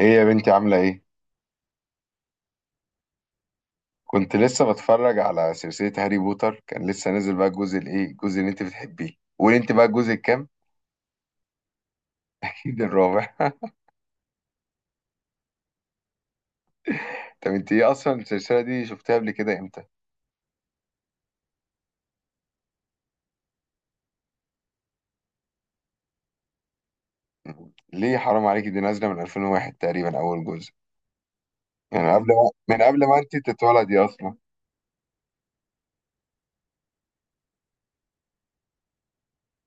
ايه يا بنتي، عاملة ايه؟ كنت لسه بتفرج على سلسلة هاري بوتر، كان لسه نازل بقى الجزء الايه؟ الجزء اللي انت بتحبيه. قولي انت بقى الجزء الكام؟ اكيد الرابع. طب انت ايه، اصلا السلسلة دي شفتها قبل كده امتى؟ ليه حرام عليكي، دي نازلة من 2001 تقريبا اول جزء. يعني قبل ما من قبل ما انت تتولدي اصلا.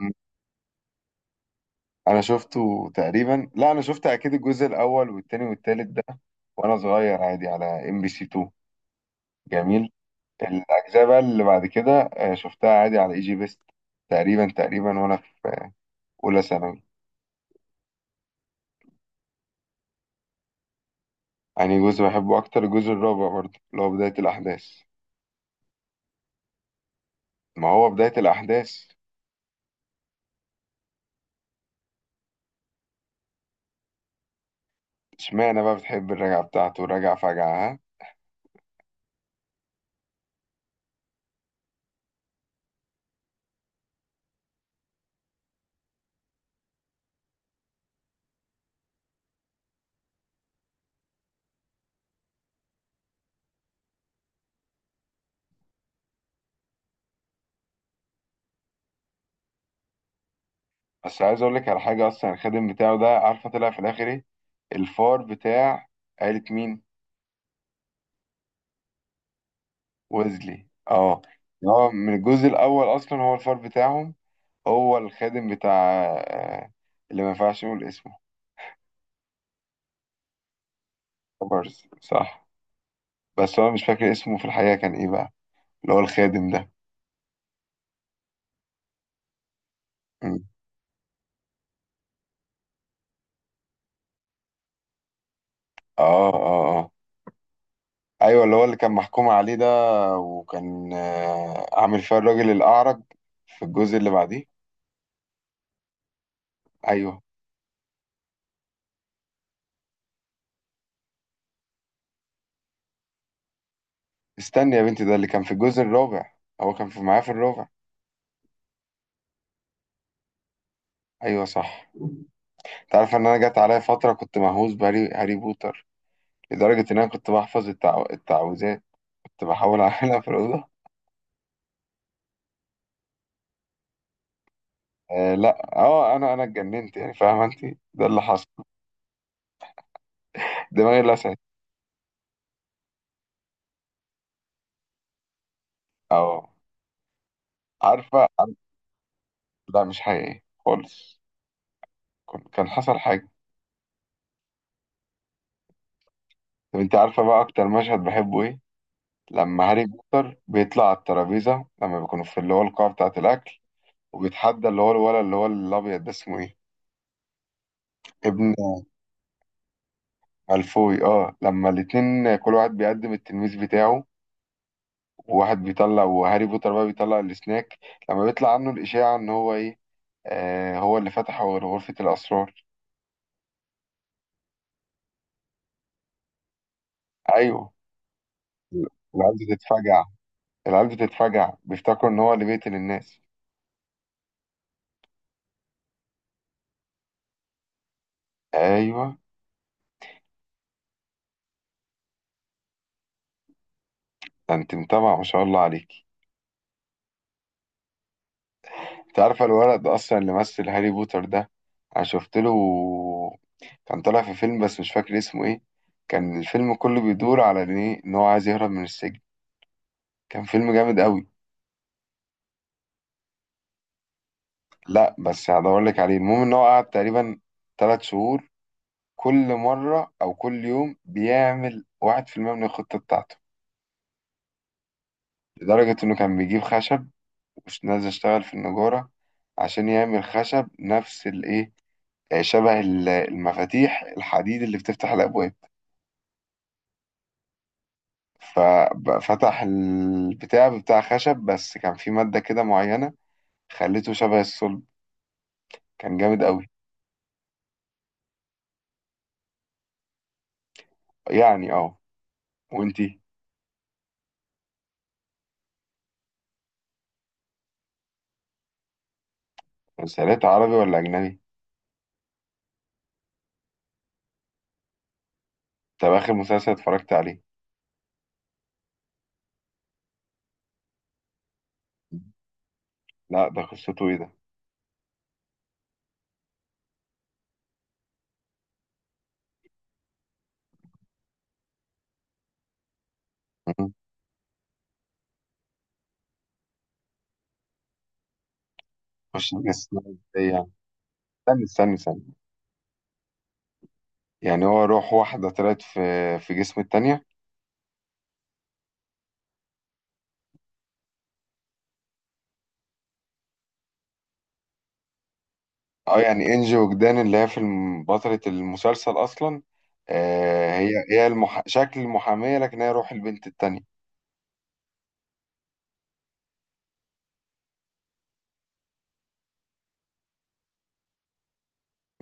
م. انا شفته تقريبا، لا انا شفت اكيد الجزء الاول والتاني والتالت ده وانا صغير عادي على MBC 2. جميل. الأجزاء بقى اللي بعد كده شفتها عادي على اي جي بيست تقريبا تقريبا، وأنا في أولى ثانوي. يعني جزء بحبه أكتر الجزء الرابع برضه اللي هو بداية الأحداث. ما هو بداية الأحداث. اشمعنى بقى بتحب الرجعة بتاعته، راجع فجعة ها. بس عايز أقول لك على حاجة، أصلا الخادم بتاعه ده عارفة طلع في الآخر إيه؟ الفار بتاع عيلة مين؟ ويزلي، اه. هو من الجزء الأول أصلا هو الفار بتاعهم، هو الخادم بتاع آه، اللي ما ينفعش نقول اسمه. كوبرز، صح. بس هو مش فاكر اسمه في الحقيقة كان ايه بقى، اللي هو الخادم ده. مم. اه اه اه، ايوه اللي هو اللي كان محكوم عليه ده. وكان عامل فيها الراجل الأعرج في الجزء اللي بعديه. ايوه. استني يا بنتي، ده اللي كان في الجزء الرابع، هو كان في معاه في الرابع؟ ايوه صح. انت عارف ان انا جت عليا فترة كنت مهووس بهاري بوتر، لدرجة ان انا كنت بحفظ التعويذات، كنت بحاول اعملها في الأوضة. آه لا، انا اتجننت يعني، فاهمه انت؟ ده اللي حصل، دماغي لسعت. أو عارفة. لا مش حقيقي خالص، كان حصل حاجة. طب أنت عارفة بقى أكتر مشهد بحبه إيه؟ لما هاري بوتر بيطلع على الترابيزة لما بيكونوا في اللي هو القاعة بتاعة الأكل، وبيتحدى اللي هو الولد اللي هو الأبيض ده اسمه إيه؟ ابن مالفوي. أه، لما الاتنين كل واحد بيقدم التلميذ بتاعه، وواحد بيطلع وهاري بوتر بقى بيطلع السناك. لما بيطلع عنه الإشاعة إن هو إيه؟ آه، هو اللي فتح غرفة الأسرار. أيوه. العيال بتتفاجئ، العيال بتتفجع بيفتكروا ان هو اللي بيقتل الناس. ايوه. ده انت متابعه ما شاء الله عليك. انت عارفه الولد ده اصلا اللي مثل هاري بوتر ده، انا شفت له، كان طالع في فيلم بس مش فاكر اسمه ايه. كان الفيلم كله بيدور على ان ايه، ان هو عايز يهرب من السجن. كان فيلم جامد قوي. لا بس هدور لك عليه. المهم ان هو قعد تقريبا 3 شهور، كل مره او كل يوم بيعمل 1% من الخطه بتاعته. لدرجه انه كان بيجيب خشب، مش نازل اشتغل في النجارة عشان يعمل خشب نفس الايه، شبه المفاتيح الحديد اللي بتفتح الابواب. ففتح البتاع بتاع خشب، بس كان في مادة كده معينة خليته شبه الصلب. كان جامد قوي. يعني اه. وانتي؟ مسلسلات عربي ولا اجنبي؟ طب اخر مسلسل اتفرجت عليه؟ لا ده قصته ايه ده؟ مم. خش في جسم ازاي يعني؟ استنى استنى استنى. يعني هو روح واحدة طلعت في جسم التانية؟ اه، يعني انجي وجدان اللي هي في بطلة المسلسل اصلا. هي هي شكل المحامية، لكن هي روح البنت التانية.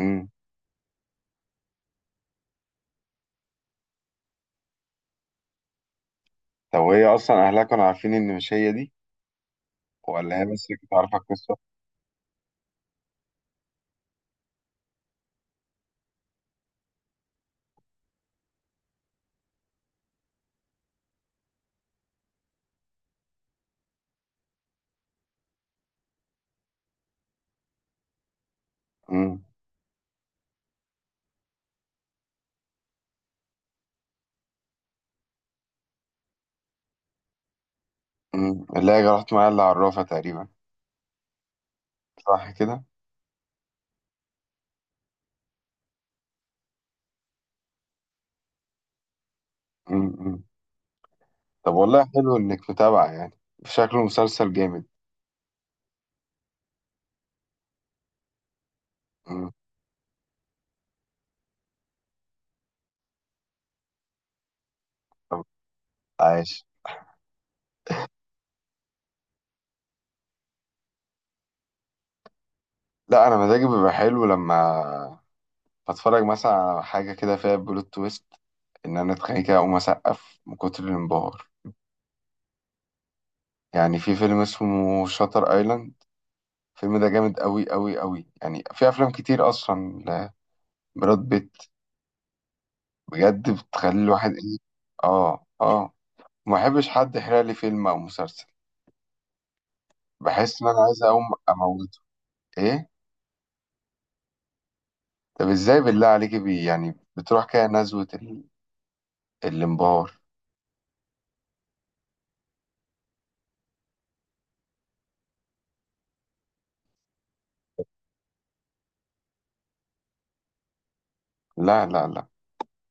امم. طب وهي اصلا اهلها كانوا عارفين ان مش هي دي؟ ولا هي بس كانت عارفة القصة؟ امم، امم، اللي هي راحت معايا اللي عرفها تقريبا. صح كده. امم، أمم. طب والله حلو انك متابعة يعني. شكله مسلسل جامد. امم. طب عايش. لا انا مزاجي بيبقى حلو لما هتفرج مثلا على حاجة كده فيها بلوت تويست، إن أنا أتخيل كده أقوم أسقف من كتر الانبهار. يعني في فيلم اسمه شاتر أيلاند، الفيلم ده جامد أوي أوي أوي، يعني في أفلام كتير أصلا لبراد بيت. بجد بتخلي الواحد إيه؟ آه آه. ما بحبش حد يحرق لي فيلم أو مسلسل، بحس إن أنا عايز أقوم أموته. إيه؟ طب إزاي بالله عليك، يعني بتروح كده نزوة الانبهار. لا لا لا،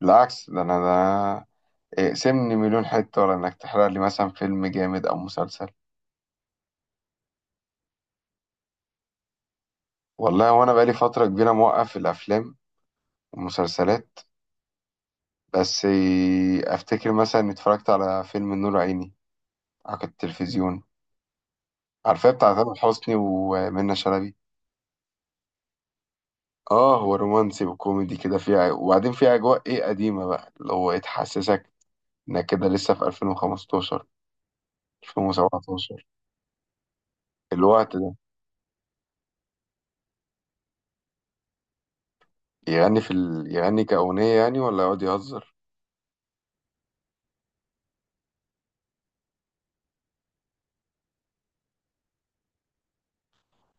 بالعكس ده، أنا ده اقسمني مليون حتة ولا إنك تحرق لي مثلا فيلم جامد أو مسلسل. والله وأنا بقالي فترة كبيرة موقف الأفلام والمسلسلات. بس أفتكر مثلا إني اتفرجت على فيلم نور عيني على التلفزيون. عارفاه؟ بتاع تامر حسني ومنى شلبي. آه، هو رومانسي وكوميدي كده فيها، وبعدين فيه أجواء إيه قديمة بقى اللي هو إيه تحسسك إنك كده لسه في 2015، 2017، الوقت ده. يغني كأغنية يعني، ولا يقعد يهزر؟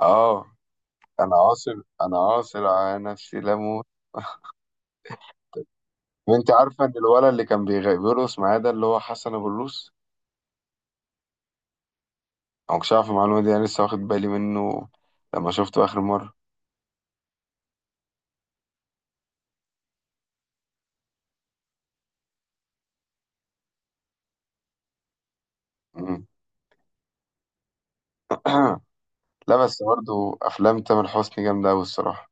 آه. انا عاصر انا عاصر على نفسي لموت. وانت عارفه ان الولد اللي كان بيرقص معايا ده، اللي هو حسن ابو الروس. انا مكنتش عارف المعلومه دي، انا لسه واخد بالي منه لما شفته اخر مره. مم. لا بس برضه افلام تامر حسني جامده قوي الصراحه.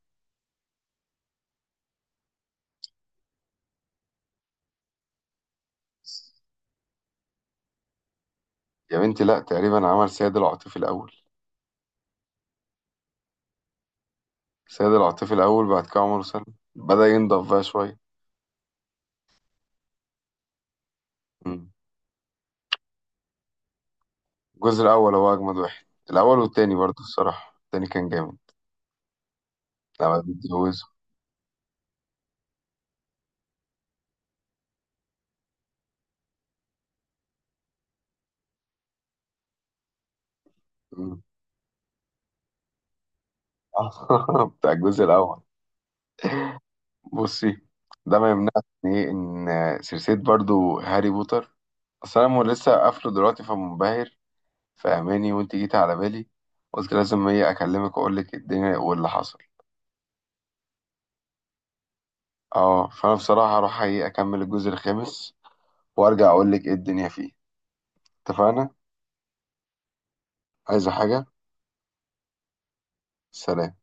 يا بنتي لا، تقريبا عمل سيد العاطفي الاول. سيد العاطفي الاول، بعد كده عمر وسلمى، بدا ينضف بقى شويه. مم. الجزء الاول هو اجمد واحد، الاول والتاني برضه الصراحه، التاني كان جامد لما بيتجوزوا. مم. بتاع الجزء الاول. بصي، ده ما يمنعش ان ايه، ان سلسله برضو هاري بوتر، اصل انا لسه قافله دلوقتي فمنبهر، فاهماني؟ وانت جيت على بالي، قلت لازم ايه اكلمك واقول لك الدنيا واللي حصل. اه، فانا بصراحه هروح ايه اكمل الجزء الخامس، وارجع اقول لك ايه الدنيا فيه. اتفقنا؟ عايزه حاجه؟ سلام.